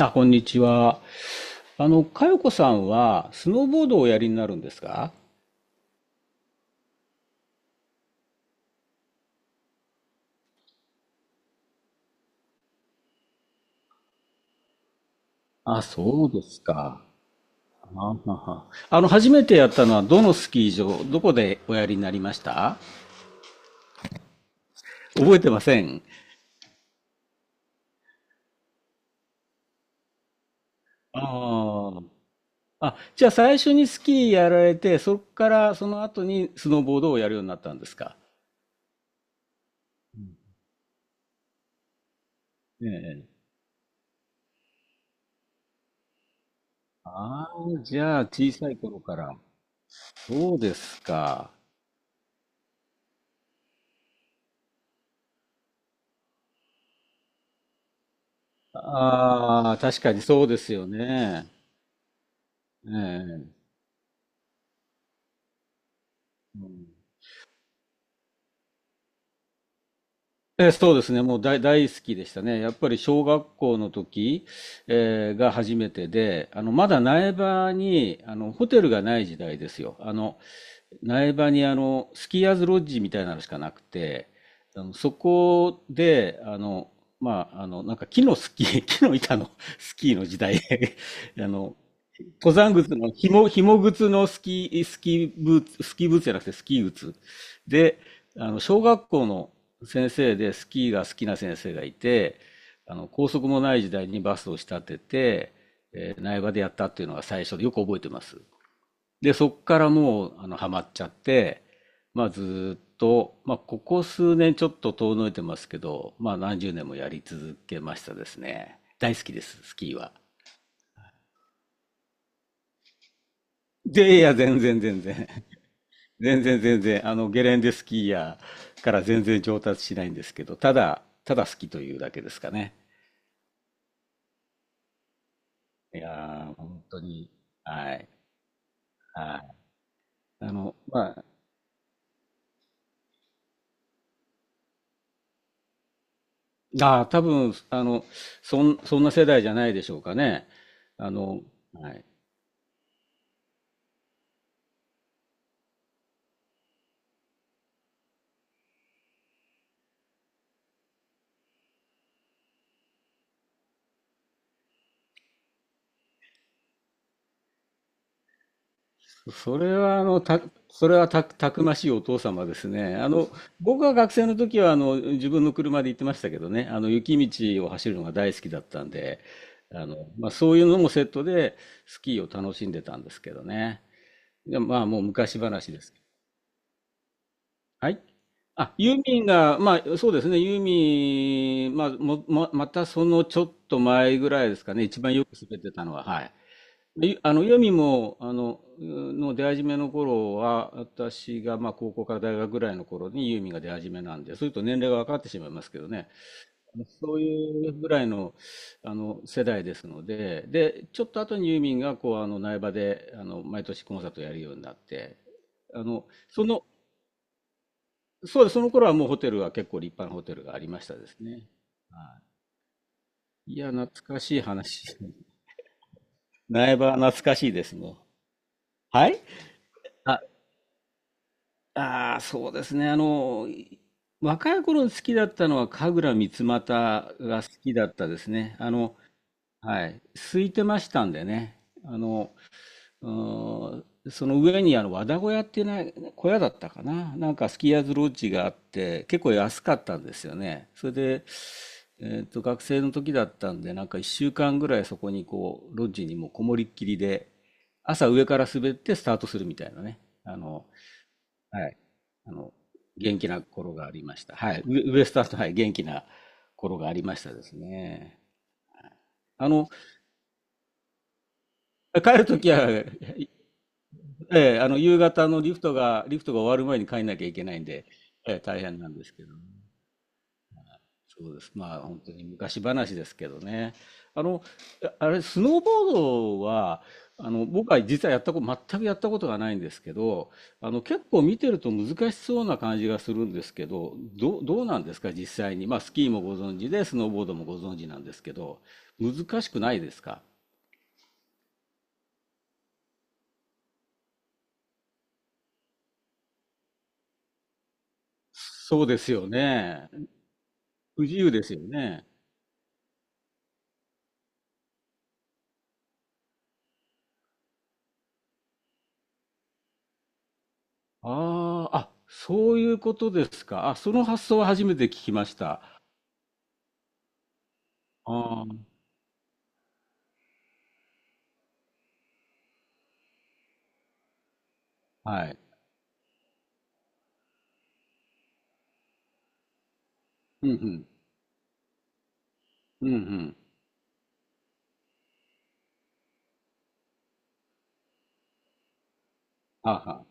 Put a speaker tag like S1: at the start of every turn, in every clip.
S1: あ、こんにちは。佳子さんは、スノーボードをおやりになるんですか？あ、そうですか。あはは、初めてやったのは、どのスキー場、どこでおやりになりました？覚えてません。あー。あ、じゃあ最初にスキーやられて、そこからその後にスノーボードをやるようになったんですか？うん。ええ。ああ、じゃあ小さい頃から。そうですか。ああ、確かにそうですよね。ええ。うん。そうですね、もう大好きでしたね。やっぱり小学校の時、が初めてで、まだ苗場に、ホテルがない時代ですよ。苗場に、スキーヤーズロッジみたいなのしかなくて、そこで、まあ、なんか木のスキー、木の板のスキーの時代。 あの、登山靴の、紐靴のスキー、スキーブーツ、スキーブーツじゃなくてスキー靴。で、小学校の先生でスキーが好きな先生がいて、高速もない時代にバスを仕立てて、苗場でやったっていうのが最初でよく覚えてます。で、そっからもう、ハマっちゃって、まあ、ずーっと、まあ、ここ数年ちょっと遠のいてますけど、まあ、何十年もやり続けましたですね。大好きです、スキーは。で、いや、全然全然。全然全然、ゲレンデスキーヤーから全然上達しないんですけど、ただ、ただ好きというだけですかね。いやー、本当に、はい、はい。まあ、あー、多分、そんな世代じゃないでしょうかね。あの、はい。それは、あの、た、それは、たくましいお父様ですね。僕が学生の時は、自分の車で行ってましたけどね、雪道を走るのが大好きだったんで、まあ、そういうのもセットでスキーを楽しんでたんですけどね。で、まあ、もう昔話です。はい。あ、ユーミンが、まあ、そうですね、ユーミン、まあ、もまたそのちょっと前ぐらいですかね、一番よく滑ってたのは、はい。いユーミンも、の出始めの頃は、私が、まあ、高校から大学ぐらいの頃にユーミンが出始めなんで、そういうと年齢が分かってしまいますけどね、そういうぐらいの、世代ですので、で、ちょっと後にユーミンが、こう、苗場で、毎年コンサートをやるようになって、あの、その、そうです、その頃はもうホテルは結構立派なホテルがありましたですね。はい。いや、懐かしい話。苗場は懐かしいですね。はい。ああ、そうですね。若い頃好きだったのは神楽三股が好きだったですね。はい。空いてましたんでね。あの、うーんその上にあの和田小屋っていうな小屋だったかな。なんかスキーヤーズロッジがあって、結構安かったんですよね。それで、学生の時だったんで、なんか1週間ぐらいそこにこう、ロッジにもうこもりっきりで、朝上から滑ってスタートするみたいなね。はい。あの、元気な頃がありました。はい。ウエスタンと、はい、元気な頃がありましたですね。あの、帰るときは、ええ、夕方のリフトが、終わる前に帰んなきゃいけないんで、ええ、大変なんですけどね。そうです。まあ、本当に昔話ですけどね。あの、ああれ、スノーボードは、僕は実はやったこと、全くやったことがないんですけど、結構見てると難しそうな感じがするんですけど、どうなんですか、実際に。まあ、スキーもご存知で、スノーボードもご存知なんですけど、難しくないですか？そうですよね。不自由ですよね。ああ、そういうことですか。あ、その発想は初めて聞きました。ああ、はい。うんうん。うんうん。はあはあ。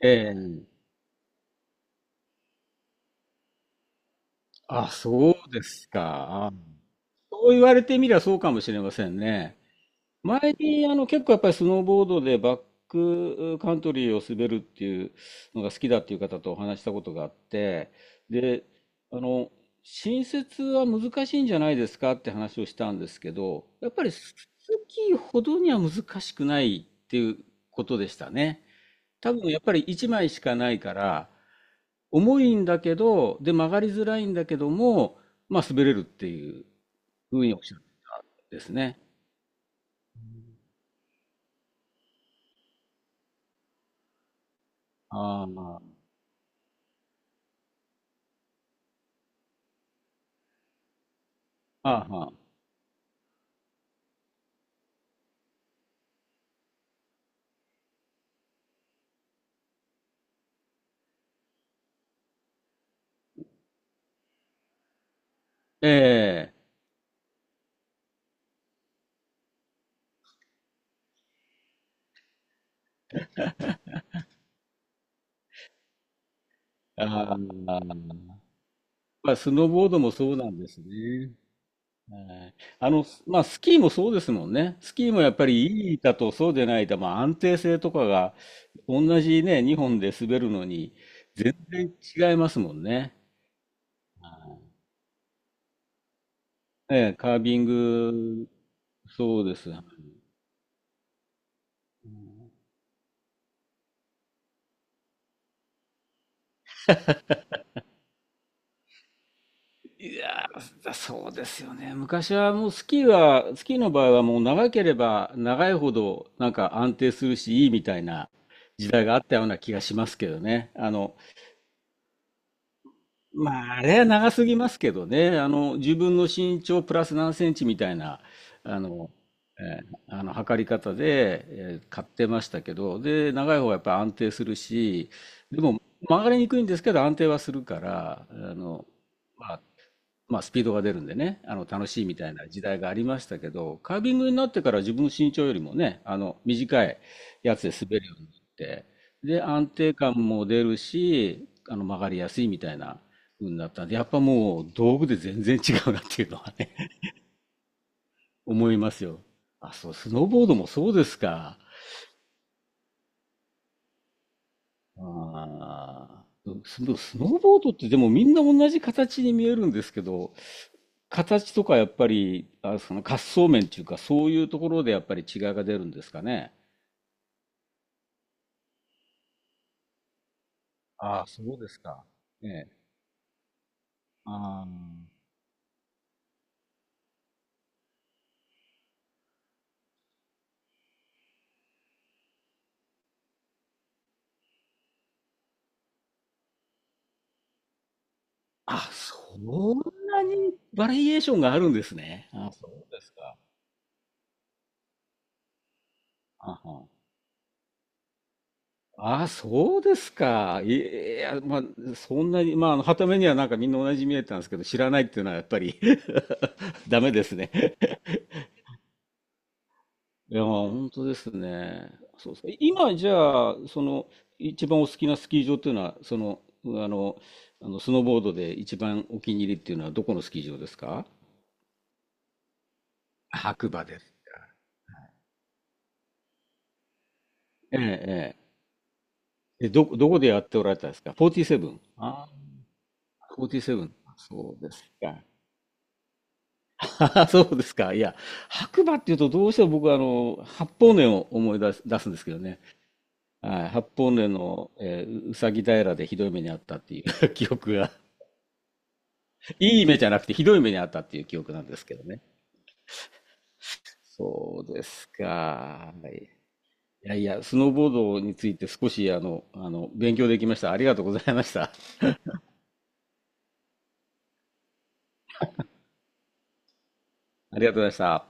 S1: ええ。あ、そうですか。あそう言われてみりゃそうかもしれませんね。前に結構やっぱりスノーボードでバックカントリーを滑るっていうのが好きだっていう方とお話ししたことがあって、で、あの、新設は難しいんじゃないですかって話をしたんですけど、やっぱりスキーほどには難しくないっていうことでしたね。多分やっぱり1枚しかないから、重いんだけど、で、曲がりづらいんだけども、まあ、滑れるっていうふうにおっしゃってたんですね。あー、まあ、あーはあ、ええ、ああ、まあ、スノーボードもそうなんですね。ええ。まあ、スキーもそうですもんね。スキーもやっぱりいい板とそうでない板、まあ、安定性とかが、同じね、2本で滑るのに、全然違いますもんね。はい、ええ、カービング、そうです。いやー、そうですよね。昔はもうスキーは、スキーの場合はもう長ければ長いほどなんか安定するしいいみたいな時代があったような気がしますけどね。まああれは長すぎますけどね。自分の身長プラス何センチみたいな、あの、え測り方で、買ってましたけど、で、長い方はやっぱり安定するし、でも曲がりにくいんですけど安定はするから、まあ、まあ、スピードが出るんでね、楽しいみたいな時代がありましたけど、カービングになってから自分の身長よりもね、短いやつで滑るようになって、で、安定感も出るし、曲がりやすいみたいな風になったんで、やっぱもう道具で全然違うなっていうのはね、思いますよ。あ、そう、スノーボードもそうですか。ああ、スノーボードってでもみんな同じ形に見えるんですけど、形とかやっぱり、あその滑走面っていうか、そういうところでやっぱり違いが出るんですかね。ああ、そうですか。ええ。あーあ、そんなにバリエーションがあるんですね。あ、そうですか。あはあ、そうですか。いいや、まあ、そんなに、まあ、はた目にはなんかみんな同じに見えたんですけど、知らないっていうのはやっぱり ダメですね。いやー、本当ですね。そうですね。今、じゃあ、一番お好きなスキー場っていうのは、あの、あのスノーボードで一番お気に入りっていうのは、どこのスキー場ですか？白馬です。ええ、ええ。どこでやっておられたんですか？ 47。ああ、フォーティーセブン、そうですか。そうですか。いや、白馬っていうと、どうしても僕は、八方根を思い出す、出すんですけどね。はい、八方根の、うさぎ平でひどい目にあったっていう 記憶がいい目じゃなくてひどい目にあったっていう記憶なんですけどね。そうですか。はいいやいや、スノーボードについて少し勉強できました。ありがとうございました。ありがとうございました。